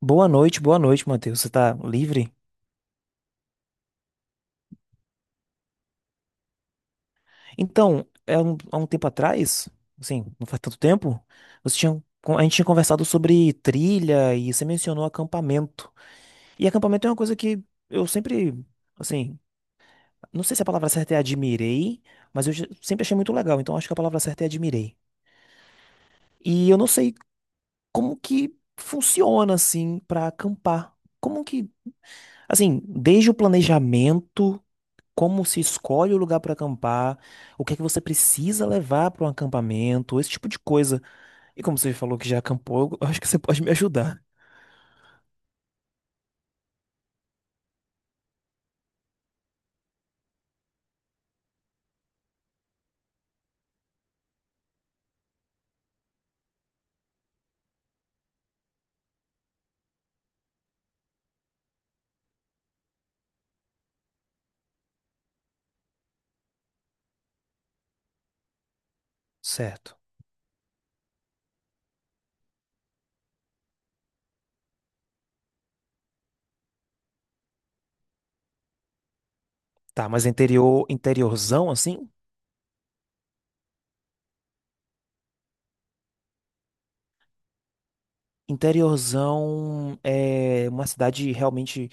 Boa noite, Matheus. Você tá livre? Então, há um tempo atrás, assim, não faz tanto tempo, você tinha, a gente tinha conversado sobre trilha e você mencionou acampamento. E acampamento é uma coisa que eu sempre, assim, não sei se a palavra certa é admirei, mas sempre achei muito legal, então acho que a palavra certa é admirei. E eu não sei como que funciona, assim, pra acampar. Como que, assim, desde o planejamento, como se escolhe o lugar para acampar, o que é que você precisa levar para um acampamento, esse tipo de coisa. E como você falou que já acampou, eu acho que você pode me ajudar. Certo. Tá, mas interior, interiorzão assim? Interiorzão é uma cidade realmente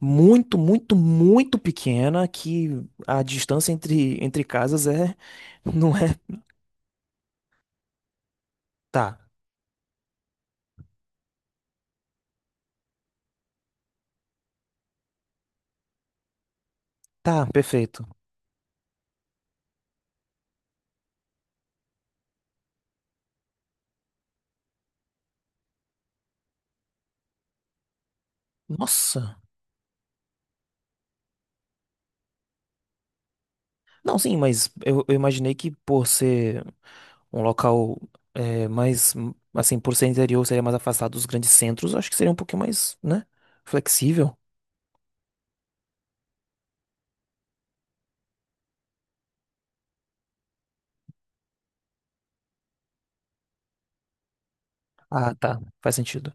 muito, muito, muito pequena que a distância entre casas é, não é? Tá, tá, perfeito. Nossa. Não, sim, mas eu imaginei que por ser um local é, mais, assim, por ser interior, seria mais afastado dos grandes centros, acho que seria um pouquinho mais, né, flexível. Ah, tá, faz sentido.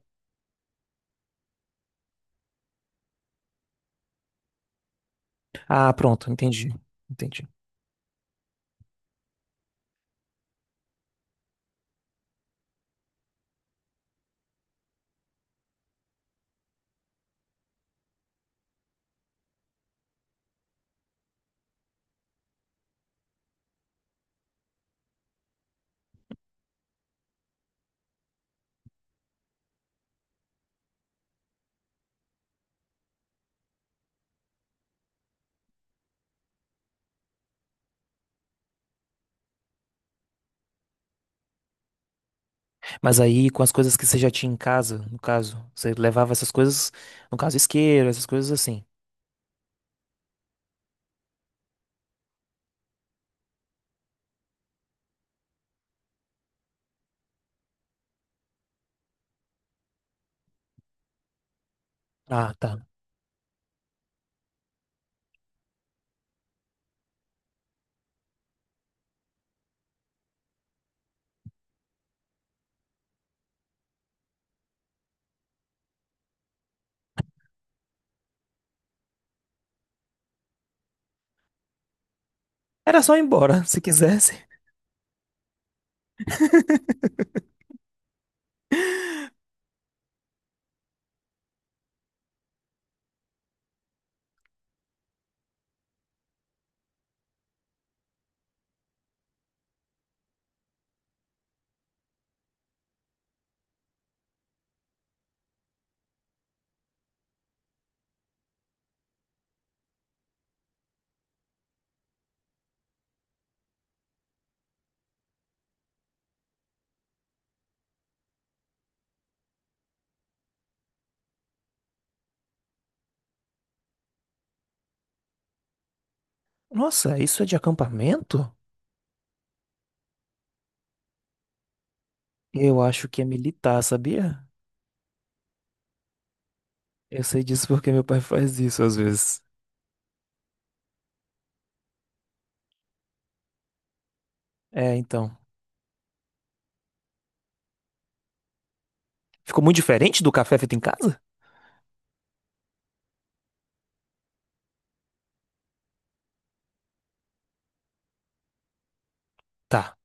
Ah, pronto, entendi. Entendi. Mas aí, com as coisas que você já tinha em casa, no caso, você levava essas coisas, no caso, isqueiro, essas coisas assim. Ah, tá. Era só ir embora, se quisesse. Nossa, isso é de acampamento? Eu acho que é militar, sabia? Eu sei disso porque meu pai faz isso às vezes. É, então. Ficou muito diferente do café feito em casa? Tá.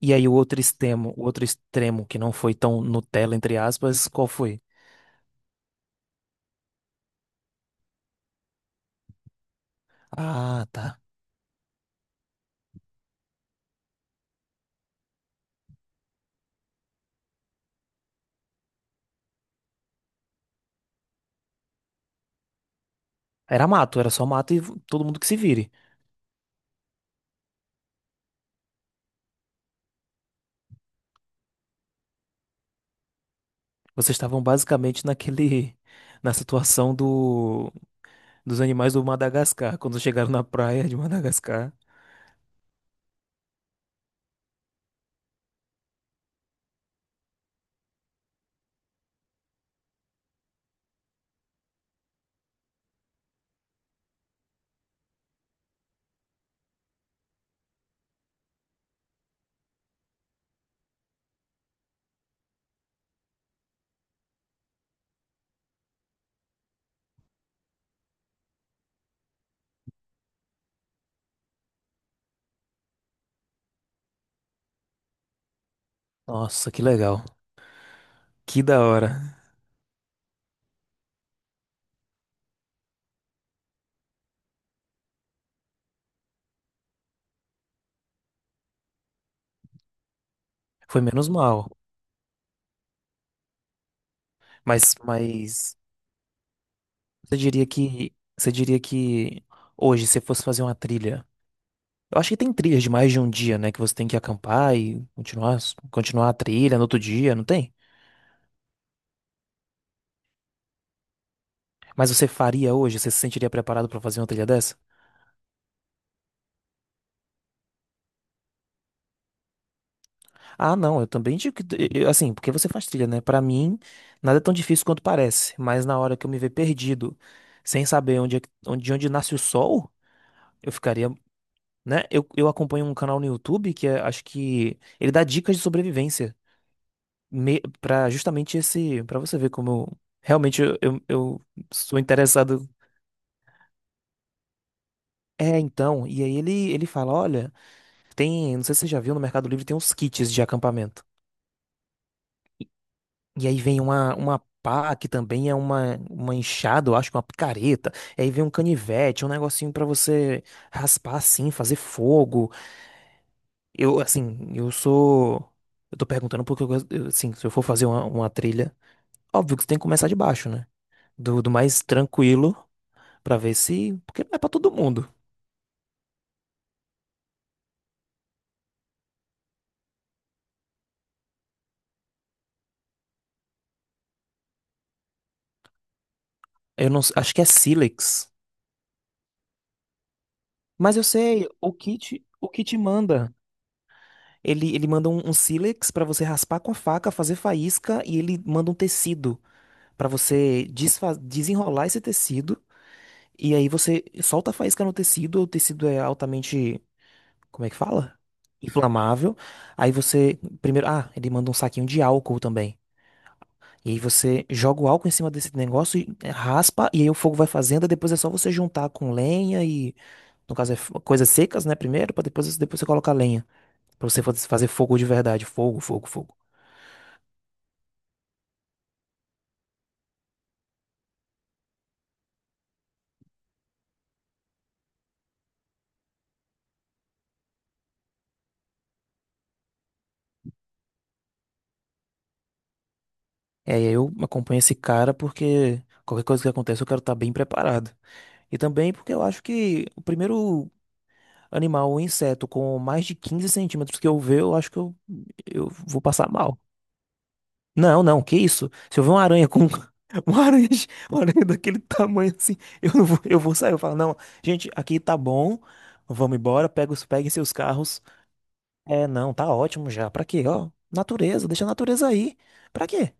E aí o outro extremo que não foi tão Nutella, entre aspas, qual foi? Ah, tá. Era mato, era só mato e todo mundo que se vire. Vocês estavam basicamente na situação dos animais do Madagascar, quando chegaram na praia de Madagascar. Nossa, que legal. Que da hora. Foi menos mal. Mas você diria que hoje, se fosse fazer uma trilha, eu acho que tem trilhas de mais de um dia, né? Que você tem que acampar e continuar, continuar a trilha no outro dia, não tem? Mas você faria hoje? Você se sentiria preparado pra fazer uma trilha dessa? Ah, não, eu também digo que, assim, porque você faz trilha, né? Pra mim, nada é tão difícil quanto parece, mas na hora que eu me ver perdido, sem saber onde, onde, de onde nasce o sol, eu ficaria, né? Eu acompanho um canal no YouTube acho que ele dá dicas de sobrevivência, para justamente esse, para você ver como realmente eu sou interessado. É, então, e aí ele fala, olha, tem, não sei se você já viu no Mercado Livre, tem uns kits de acampamento. E aí vem uma pá, que também é uma enxada, eu acho, uma picareta. E aí vem um canivete, um negocinho pra você raspar assim, fazer fogo. Eu assim, eu sou. Eu tô perguntando porque eu, eu, assim, se eu for fazer uma trilha, óbvio que você tem que começar de baixo, né? Do mais tranquilo. Pra ver se, porque não é pra todo mundo. Eu não, acho que é Silex. Mas eu sei, o kit manda. Ele manda um sílex pra você raspar com a faca, fazer faísca e ele manda um tecido pra você desenrolar esse tecido e aí você solta a faísca no tecido, o tecido é altamente, como é que fala? Inflamável. Aí você primeiro, ah, ele manda um saquinho de álcool também. E aí você joga o álcool em cima desse negócio e é, raspa, e aí o fogo vai fazendo, e depois é só você juntar com lenha e, no caso, é coisas secas, né, primeiro, pra depois, depois você colocar lenha, pra você fazer fogo de verdade, fogo, fogo, fogo. É, e aí eu acompanho esse cara porque qualquer coisa que aconteça eu quero estar bem preparado. E também porque eu acho que o primeiro animal, o inseto, com mais de 15 cm que eu ver, eu acho que eu vou passar mal. Não, não, que isso? Se eu ver uma aranha com uma aranha, uma aranha daquele tamanho assim, eu não vou, eu vou sair. Eu falo, não, gente, aqui tá bom, vamos embora, pega, peguem seus carros. É, não, tá ótimo já. Pra quê? Ó, natureza, deixa a natureza aí. Pra quê?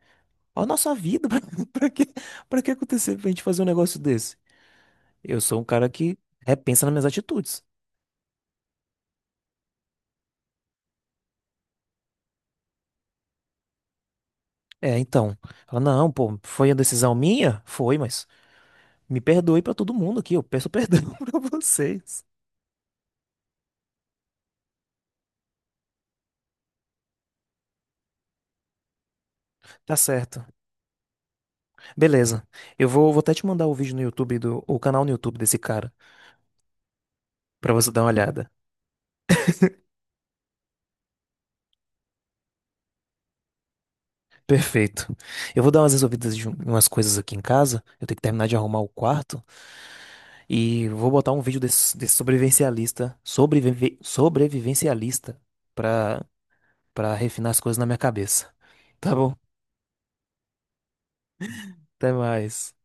Ó, a nossa vida, pra, pra quê? Pra que acontecer pra gente fazer um negócio desse? Eu sou um cara que repensa nas minhas atitudes. É, então. Ela, não, pô, foi a decisão minha? Foi, mas me perdoe pra todo mundo aqui, eu peço perdão pra vocês. Tá certo. Beleza. Eu vou, vou até te mandar o vídeo no YouTube o canal no YouTube desse cara, pra você dar uma olhada. Perfeito. Eu vou dar umas resolvidas de umas coisas aqui em casa. Eu tenho que terminar de arrumar o quarto e vou botar um vídeo desse sobrevivencialista, sobrevivencialista pra para refinar as coisas na minha cabeça. Tá bom? Até mais.